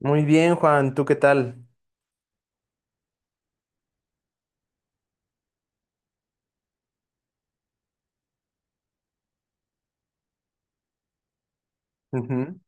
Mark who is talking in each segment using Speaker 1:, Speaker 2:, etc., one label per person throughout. Speaker 1: Muy bien, Juan, ¿tú qué tal? Ujú.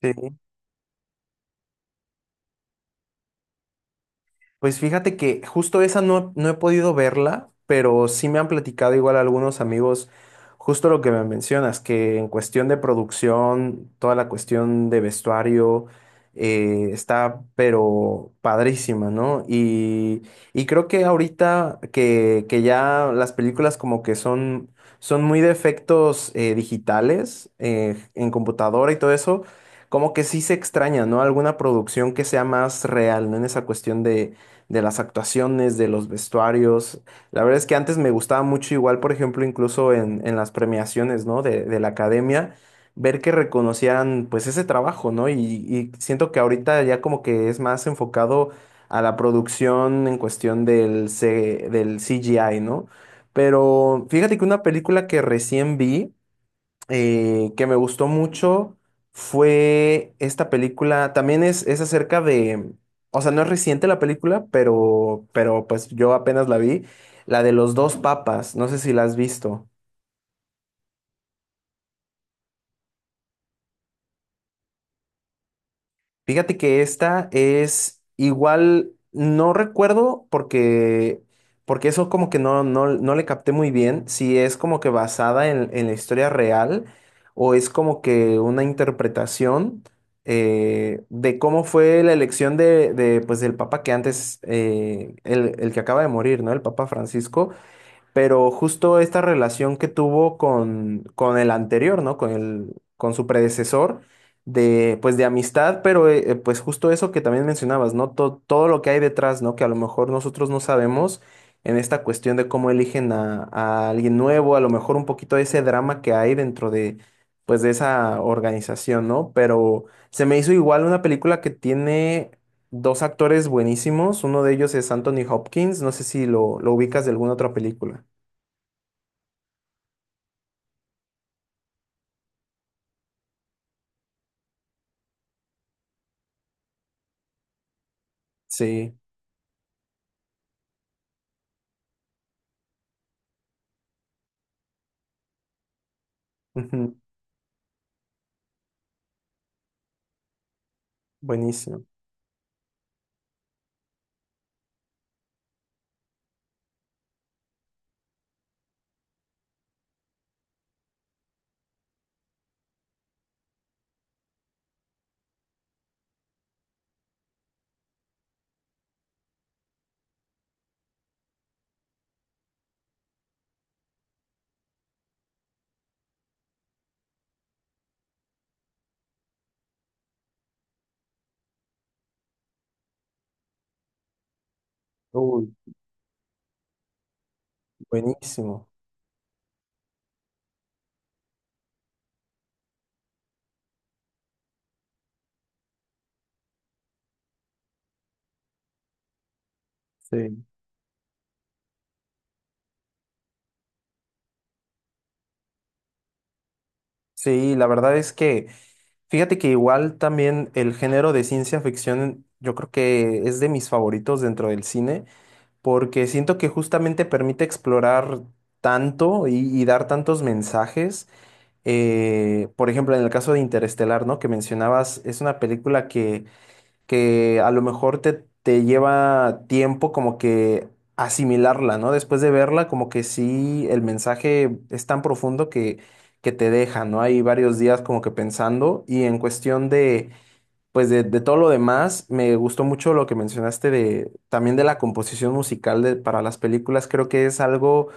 Speaker 1: Sí. Pues fíjate que justo esa no he podido verla, pero sí me han platicado igual algunos amigos justo lo que me mencionas, que en cuestión de producción, toda la cuestión de vestuario está pero padrísima, ¿no? Y creo que ahorita que ya las películas como que son muy de efectos digitales en computadora y todo eso, como que sí se extraña, ¿no? Alguna producción que sea más real, ¿no? En esa cuestión de las actuaciones, de los vestuarios. La verdad es que antes me gustaba mucho, igual, por ejemplo, incluso en las premiaciones, ¿no? De la academia, ver que reconocían pues ese trabajo, ¿no? Y siento que ahorita ya como que es más enfocado a la producción en cuestión del CGI, ¿no? Pero fíjate que una película que recién vi, que me gustó mucho fue esta película. También es acerca de, o sea, no es reciente la película, pero pues yo apenas la vi, la de los dos papas. No sé si la has visto. Fíjate que esta es igual, no recuerdo porque, porque eso como que no le capté muy bien, si es como que basada en la historia real o es como que una interpretación de cómo fue la elección pues, del papa que antes, el que acaba de morir, ¿no? El papa Francisco, pero justo esta relación que tuvo con el anterior, ¿no? Con su predecesor, de, pues de amistad, pero pues justo eso que también mencionabas, ¿no? Todo lo que hay detrás, ¿no? Que a lo mejor nosotros no sabemos en esta cuestión de cómo eligen a alguien nuevo, a lo mejor un poquito de ese drama que hay dentro de, pues de esa organización, ¿no? Pero se me hizo igual una película que tiene... Dos actores buenísimos, uno de ellos es Anthony Hopkins, no sé si lo ubicas de alguna otra película. Sí, ujú, buenísimo. Uy, buenísimo. Sí. Sí, la verdad es que, fíjate que igual también el género de ciencia ficción, yo creo que es de mis favoritos dentro del cine, porque siento que justamente permite explorar tanto y dar tantos mensajes. Por ejemplo, en el caso de Interestelar, ¿no? Que mencionabas, es una película que a lo mejor te lleva tiempo como que asimilarla, ¿no? Después de verla, como que sí, el mensaje es tan profundo que te deja, ¿no? Hay varios días como que pensando y en cuestión de, pues de todo lo demás, me gustó mucho lo que mencionaste de, también de la composición musical de, para las películas, creo que es algo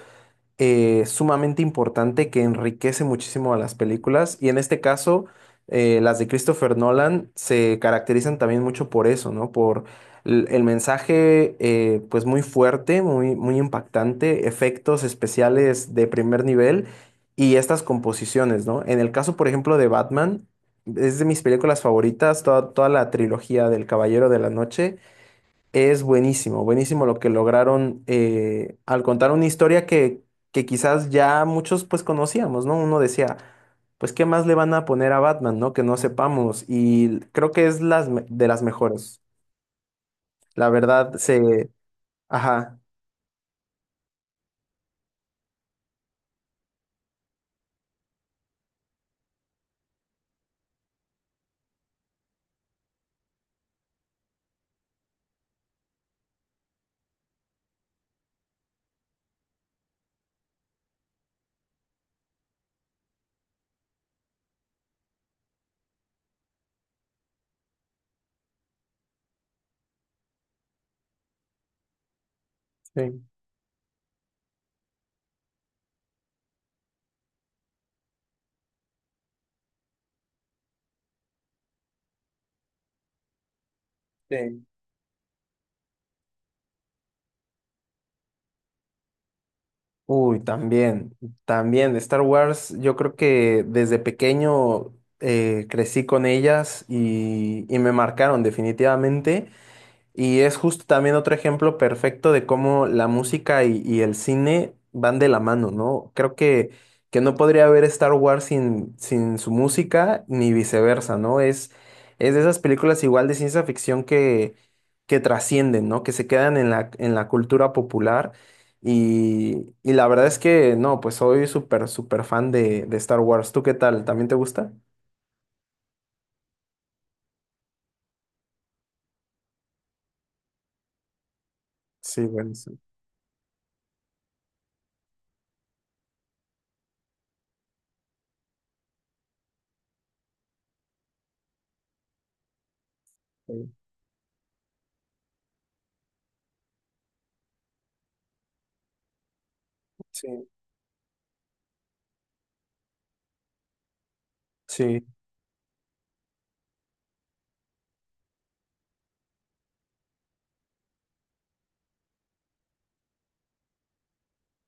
Speaker 1: sumamente importante que enriquece muchísimo a las películas. Y en este caso, las de Christopher Nolan se caracterizan también mucho por eso, ¿no? Por el mensaje, pues muy fuerte, muy, muy impactante, efectos especiales de primer nivel y estas composiciones, ¿no? En el caso, por ejemplo, de Batman, es de mis películas favoritas, toda, toda la trilogía del Caballero de la Noche. Es buenísimo, buenísimo lo que lograron al contar una historia que quizás ya muchos pues conocíamos, ¿no? Uno decía, pues ¿qué más le van a poner a Batman, ¿no? Que no sepamos. Y creo que es de las mejores. La verdad, se... Ajá. Sí. Sí. Uy, también, también. Star Wars, yo creo que desde pequeño crecí con ellas y me marcaron definitivamente. Y es justo también otro ejemplo perfecto de cómo la música y el cine van de la mano, ¿no? Creo que no podría haber Star Wars sin su música, ni viceversa, ¿no? Es de esas películas igual de ciencia ficción que trascienden, ¿no? Que se quedan en la cultura popular. Y la verdad es que, no, pues soy súper, súper fan de Star Wars. ¿Tú qué tal? ¿También te gusta? Sí, bueno, sí. Sí, sí,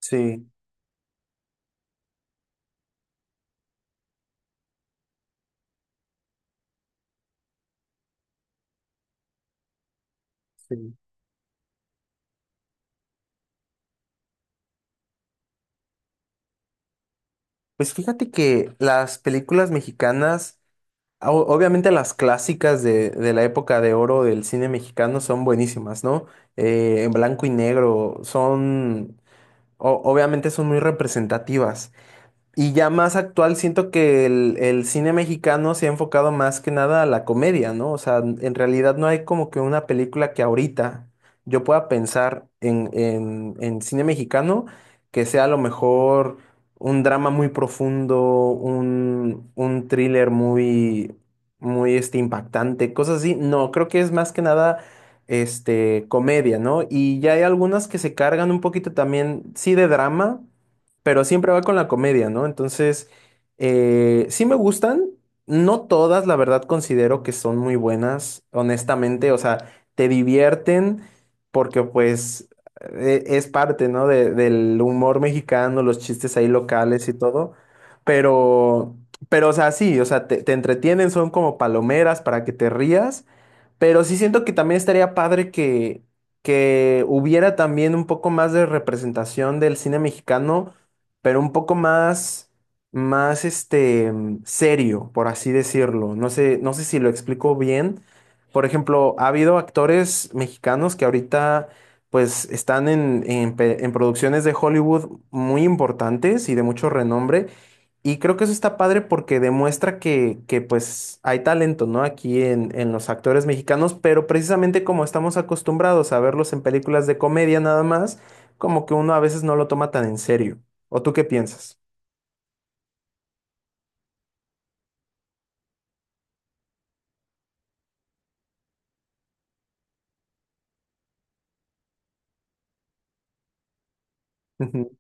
Speaker 1: sí. Sí. Pues fíjate que las películas mexicanas, obviamente las clásicas de la época de oro del cine mexicano son buenísimas, ¿no? En blanco y negro, son, obviamente son muy representativas. Y ya más actual, siento que el cine mexicano se ha enfocado más que nada a la comedia, ¿no? O sea, en realidad no hay como que una película que ahorita yo pueda pensar en cine mexicano que sea a lo mejor un drama muy profundo, un thriller muy, muy este, impactante, cosas así. No, creo que es más que nada este, comedia, ¿no? Y ya hay algunas que se cargan un poquito también, sí, de drama pero siempre va con la comedia, ¿no? Entonces, sí me gustan, no todas, la verdad, considero que son muy buenas, honestamente, o sea, te divierten porque pues es parte, ¿no? Del humor mexicano, los chistes ahí locales y todo, pero, pero, o sea, sí, o sea, te entretienen, son como palomeras para que te rías, pero sí siento que también estaría padre que hubiera también un poco más de representación del cine mexicano, pero un poco más, más este, mm, serio, por así decirlo. No sé, no sé si lo explico bien. Por ejemplo, ha habido actores mexicanos que ahorita pues están en producciones de Hollywood muy importantes y de mucho renombre, y creo que eso está padre porque demuestra que, pues hay talento, ¿no? Aquí en los actores mexicanos, pero precisamente como estamos acostumbrados a verlos en películas de comedia nada más, como que uno a veces no lo toma tan en serio. ¿O tú qué piensas? Ujú,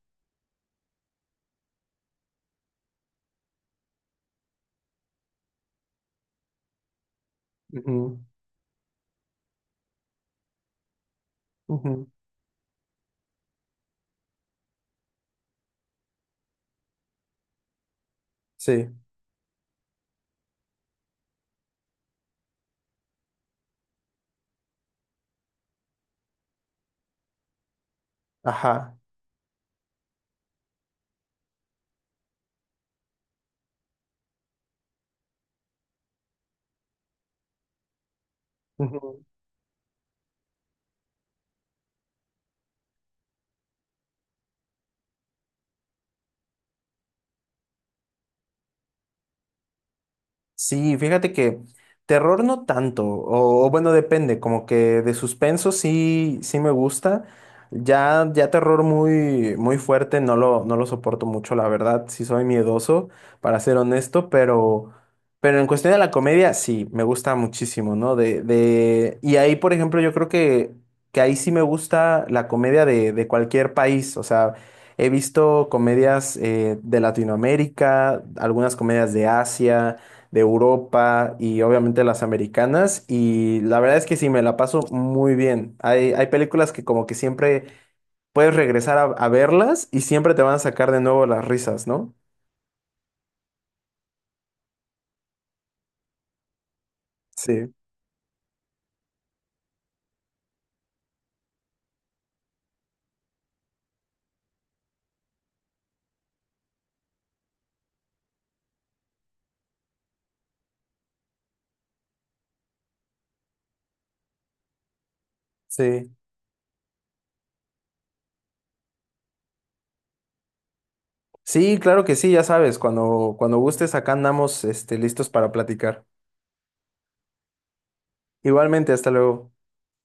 Speaker 1: ujú, ujú. Sí, ajá. Ujú. Sí, fíjate que terror no tanto, o bueno, depende, como que de suspenso sí, sí me gusta. Ya, ya terror muy, muy fuerte, no lo soporto mucho, la verdad, sí soy miedoso, para ser honesto, pero en cuestión de la comedia, sí, me gusta muchísimo, ¿no? De, y ahí, por ejemplo, yo creo que ahí sí me gusta la comedia de cualquier país, o sea, he visto comedias de Latinoamérica, algunas comedias de Asia de Europa y obviamente las americanas. Y la verdad es que sí, me la paso muy bien. Hay películas que como que siempre puedes regresar a verlas y siempre te van a sacar de nuevo las risas, ¿no? Sí, sí. Sí, claro que sí, ya sabes, cuando, cuando gustes, acá andamos, este, listos para platicar. Igualmente, hasta luego.